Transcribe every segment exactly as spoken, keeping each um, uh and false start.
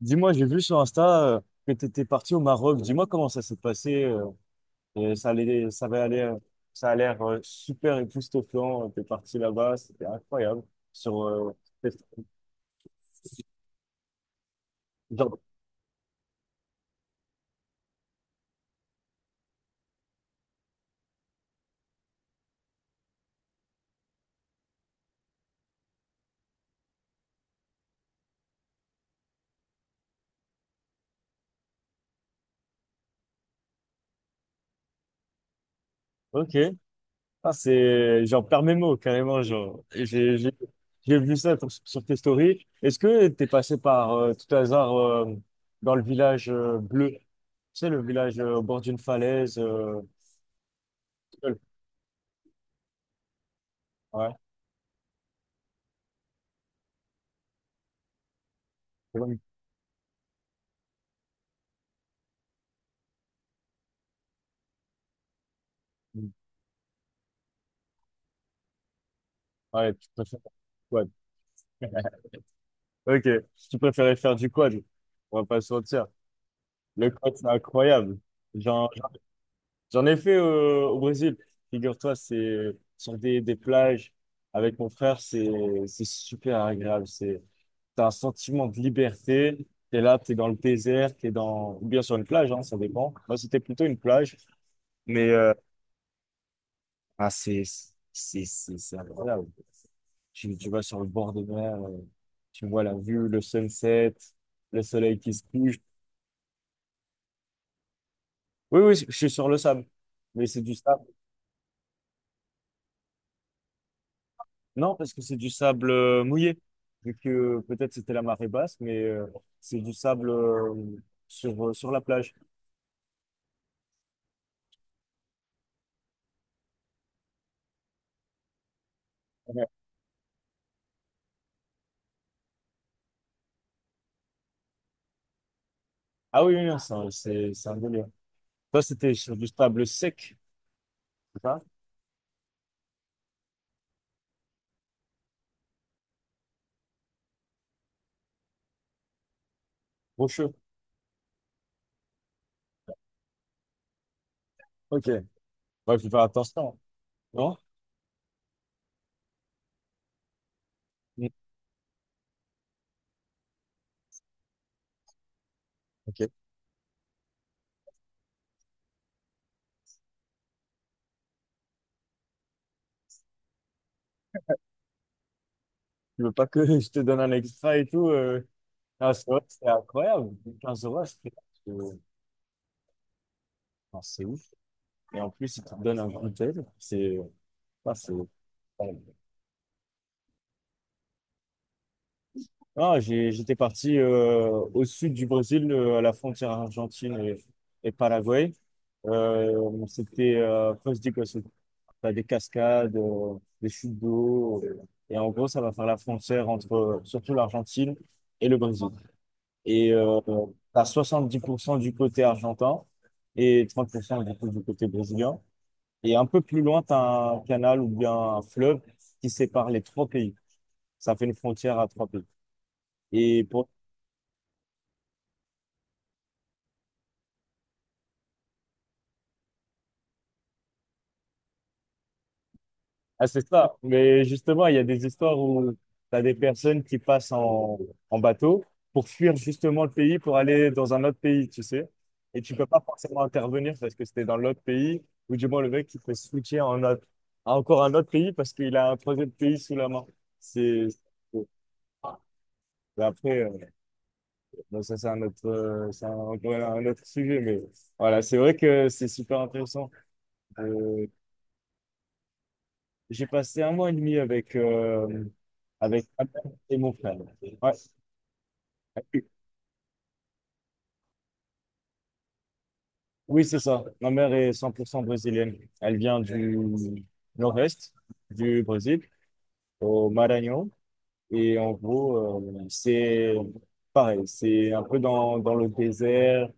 Dis-moi, j'ai vu sur Insta euh, que tu étais parti au Maroc. Dis-moi comment ça s'est passé. Euh, et ça allait, ça va aller, euh, ça a l'air euh, super époustouflant. Tu es parti là-bas, c'était incroyable. Sur, euh, c'est- genre, ok, ah, c'est, j'en perds mes mots carrément. Genre, j'ai j'ai- j'ai vu ça sur, sur tes stories. Est-ce que tu es passé par, euh, tout hasard, euh, dans le village euh, bleu? Tu sais, le village euh, au bord d'une falaise. Euh, ouais, ouais, tu préfères. Ouais. Ok, si tu préférais faire du quad, on va pas se mentir. Le quad, c'est incroyable. J'en, j'en ai fait euh, au Brésil. Figure-toi, c'est sur des, des plages avec mon frère, c'est c'est super agréable. C'est, t'as un sentiment de liberté. T'es là, t'es dans le désert, t'es dans, ou bien sur une plage, hein, ça dépend. Moi, c'était plutôt une plage, mais euh, ah, c'est c'est c'est c'est incroyable. Tu, tu vas sur le bord de mer, euh, tu vois la vue, le sunset, le soleil qui se couche. Oui, oui, je suis sur le sable. Mais c'est du sable. Non, parce que c'est du sable euh, mouillé. Vu que euh, peut-être c'était la marée basse, mais euh, c'est du sable euh, sur, euh, sur la plage. Ouais. Ah oui, oui, non, c'est un c'est- c'est un délire. Toi, c'était sur du sable sec, c'est ça? Rocheux. Ok. Bah, il faut faire attention, hein. Non? Mm. Ok. Tu veux pas que je te donne un extra et tout? euh, Ah, c'est vrai, c'est incroyable. Quinze euros, je fais- euh, non, c'est ouf. Et en plus, ils te donnent un cocktail. C'est. Euh, ah, c'est- ouais. Ah, j'ai- j'étais parti euh, au sud du Brésil, euh, à la frontière argentine et, et Paraguay. Euh, c'était euh, après, quoi, c'est- t'as des cascades, euh, des chutes d'eau, euh, et en gros, ça va faire la frontière entre euh, surtout l'Argentine et le Brésil. Et euh, t'as soixante-dix pour cent du côté argentin et trente pour cent du coup, du côté brésilien. Et un peu plus loin, t'as un canal ou bien un fleuve qui sépare les trois pays. Ça fait une frontière à trois pays. Et pour Ah, c'est ça. Mais justement, il y a des histoires où tu as des personnes qui passent en, en bateau pour fuir justement le pays, pour aller dans un autre pays, tu sais. Et tu peux pas forcément intervenir parce que c'était dans l'autre pays, ou du moins le mec qui peut switcher en autre, à encore un autre pays parce qu'il a un troisième pays sous la main. C'est, mais après, euh, bon, ça c'est un autre, euh, c'est un, encore un autre sujet, mais voilà, c'est vrai que c'est super intéressant. Euh, J'ai passé un mois et demi avec, euh, avec ma mère et mon frère. Ouais. Oui, c'est ça. Ma mère est cent pour cent brésilienne. Elle vient du nord-est du Brésil, au Maranhão. Et en gros, euh, c'est pareil, c'est un peu dans, dans le désert.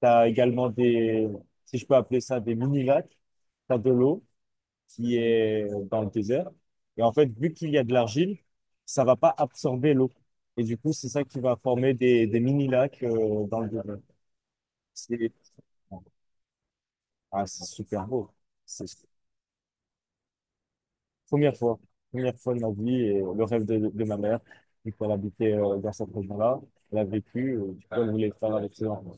Tu as également des, si je peux appeler ça, des mini-lacs. Tu as de l'eau qui est dans le désert. Et en fait, vu qu'il y a de l'argile, ça va pas absorber l'eau. Et du coup, c'est ça qui va former des, des mini-lacs euh, dans le désert. C'est Ah, c'est super beau. C'est Première fois, première fois de ma vie et le rêve de, de ma mère. Du coup, elle habitait euh, dans cette région-là. Elle a vécu, euh, du coup, elle voulait le faire avec ses enfants.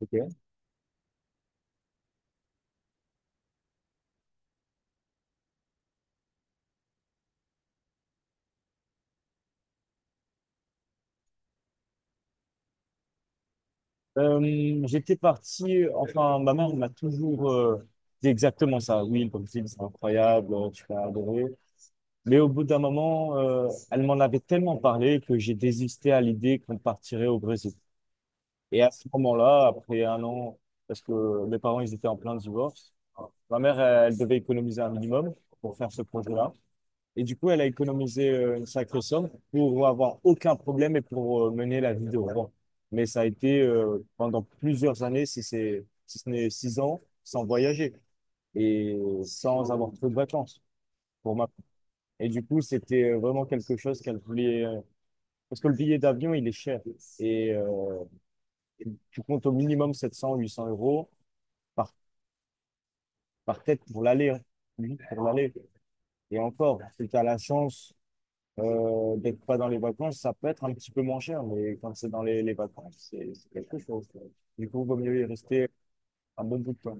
Ok. Euh, j'étais parti, enfin, ma mère m'a toujours euh, dit exactement ça. Oui, comme tu dis, c'est incroyable, tu vas adorer. Mais au bout d'un moment, euh, elle m'en avait tellement parlé que j'ai désisté à l'idée qu'on partirait au Brésil. Et à ce moment-là, après un an, parce que mes parents, ils étaient en plein divorce, ma mère, elle, elle devait économiser un minimum pour faire ce projet-là. Et du coup, elle a économisé euh, une sacrée somme pour avoir aucun problème et pour euh, mener la vie de rêve. Mais ça a été euh, pendant plusieurs années, si c'est, si ce n'est six ans, sans voyager et sans avoir trop de vacances. Pour ma Et du coup, c'était euh, vraiment quelque chose qu'elle voulait. euh, Parce que le billet d'avion, il est cher. Et euh, tu comptes au minimum sept cents huit cents euros par, par tête pour l'aller, hein. Oui, pour l'aller. Et encore, si tu as la chance euh, d'être pas dans les vacances, ça peut être un petit peu moins cher. Mais quand c'est dans les, les vacances, c'est c'est quelque chose, quoi. Du coup, il vaut mieux y rester un bon bout de temps.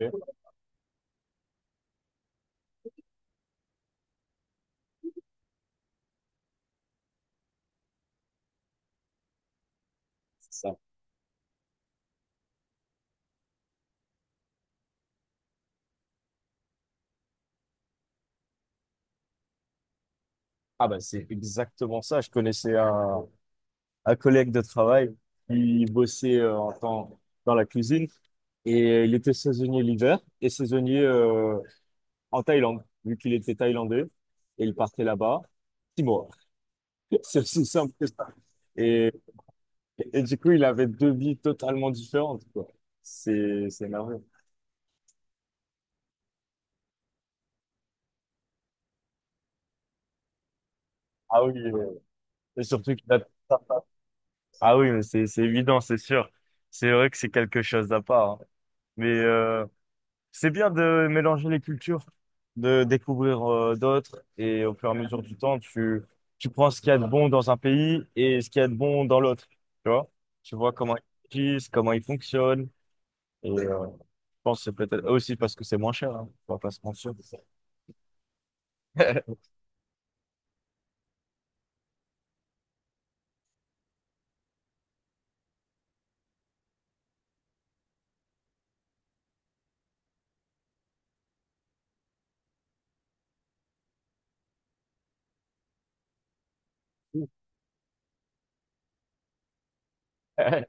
Ok, c'est ça. Ah bah c'est exactement ça. Je connaissais un, un collègue de travail qui bossait euh, en tant dans la cuisine. Et euh, il était saisonnier l'hiver et saisonnier euh, en Thaïlande, vu qu'il était thaïlandais. Et il partait là-bas six mois. C'est aussi simple que ça. Et, et du coup, il avait deux vies totalement différentes, quoi. C'est, c'est merveilleux. Ah oui, euh, et surtout qu'il a... Ah oui, mais c'est, c'est évident, c'est sûr. C'est vrai que c'est quelque chose d'à part, hein. Mais, euh, c'est bien de mélanger les cultures, de découvrir euh, d'autres et au fur et à mesure du temps, tu, tu prends ce qu'il y a de bon dans un pays et ce qu'il y a de bon dans l'autre. Tu vois? Tu vois comment ils agissent, comment ils fonctionnent. Et euh, je pense que c'est peut-être aussi parce que c'est moins cher, hein. On va pas se mentir. C'est-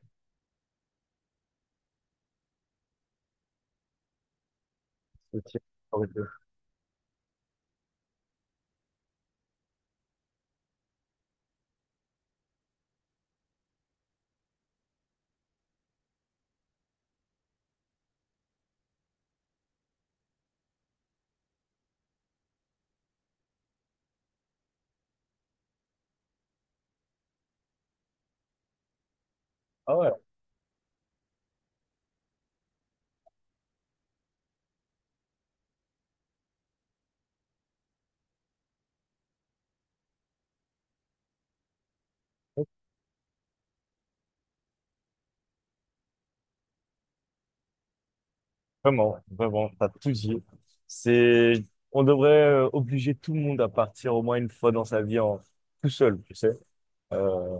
Ah ouais, vraiment, vraiment, t'as tout dit. C'est, on devrait euh, obliger tout le monde à partir au moins une fois dans sa vie en tout seul, tu sais. Euh,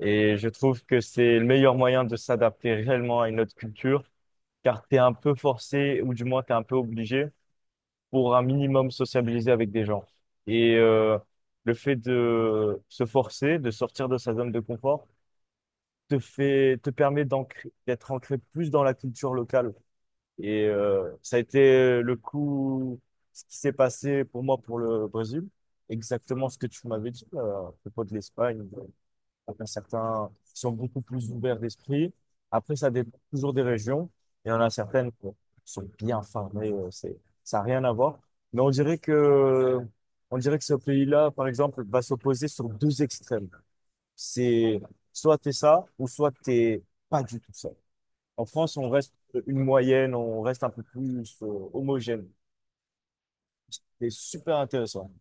Et je trouve que c'est le meilleur moyen de s'adapter réellement à une autre culture, car tu es un peu forcé, ou du moins tu es un peu obligé, pour un minimum sociabiliser avec des gens. Et euh, le fait de se forcer, de sortir de sa zone de confort, te fait, te permet d'ancrer- d'être ancré plus dans la culture locale. Et euh, ça a été le coup, ce qui s'est passé pour moi pour le Brésil, exactement ce que tu m'avais dit euh, à propos de l'Espagne. Après, certains sont beaucoup plus ouverts d'esprit. Après, ça dépend toujours des régions. Il y en a certaines qui sont bien fermées. Euh, C'est, ça n'a rien à voir. Mais on dirait que, on dirait que ce pays-là, par exemple, va s'opposer sur deux extrêmes. C'est soit t'es ça ou soit t'es pas du tout ça. En France, on reste une moyenne, on reste un peu plus euh, homogène. C'est super intéressant.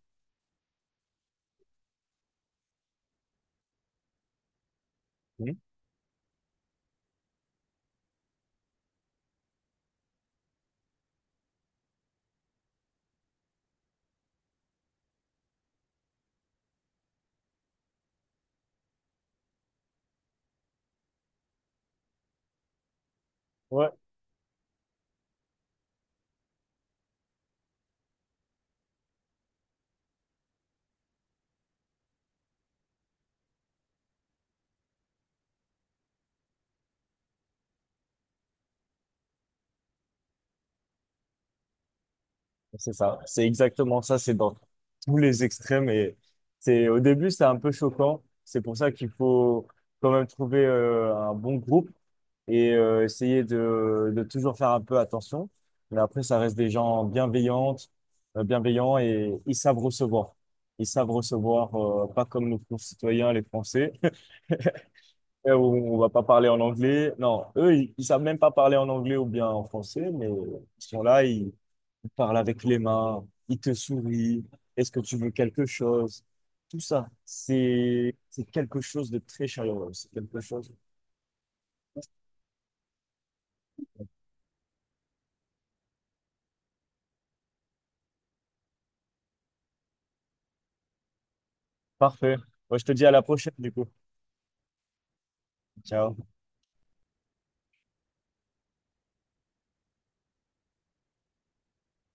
Mhm. Ouais. C'est ça, c'est exactement ça, c'est dans tous les extrêmes et c'est au début c'est un peu choquant, c'est pour ça qu'il faut quand même trouver euh, un bon groupe et euh, essayer de, de toujours faire un peu attention, mais après ça reste des gens bienveillantes, euh, bienveillants et ils savent recevoir. Ils savent recevoir, euh, pas comme nos concitoyens, les Français, où on va pas parler en anglais. Non, eux, ils, ils savent même pas parler en anglais ou bien en français, mais ils sont là, ils parle avec les mains, il te sourit, est-ce que tu veux quelque chose? Tout ça, c'est c'est quelque chose de très chaleureux, c'est quelque chose. Parfait. Moi, je te dis à la prochaine, du coup. Ciao.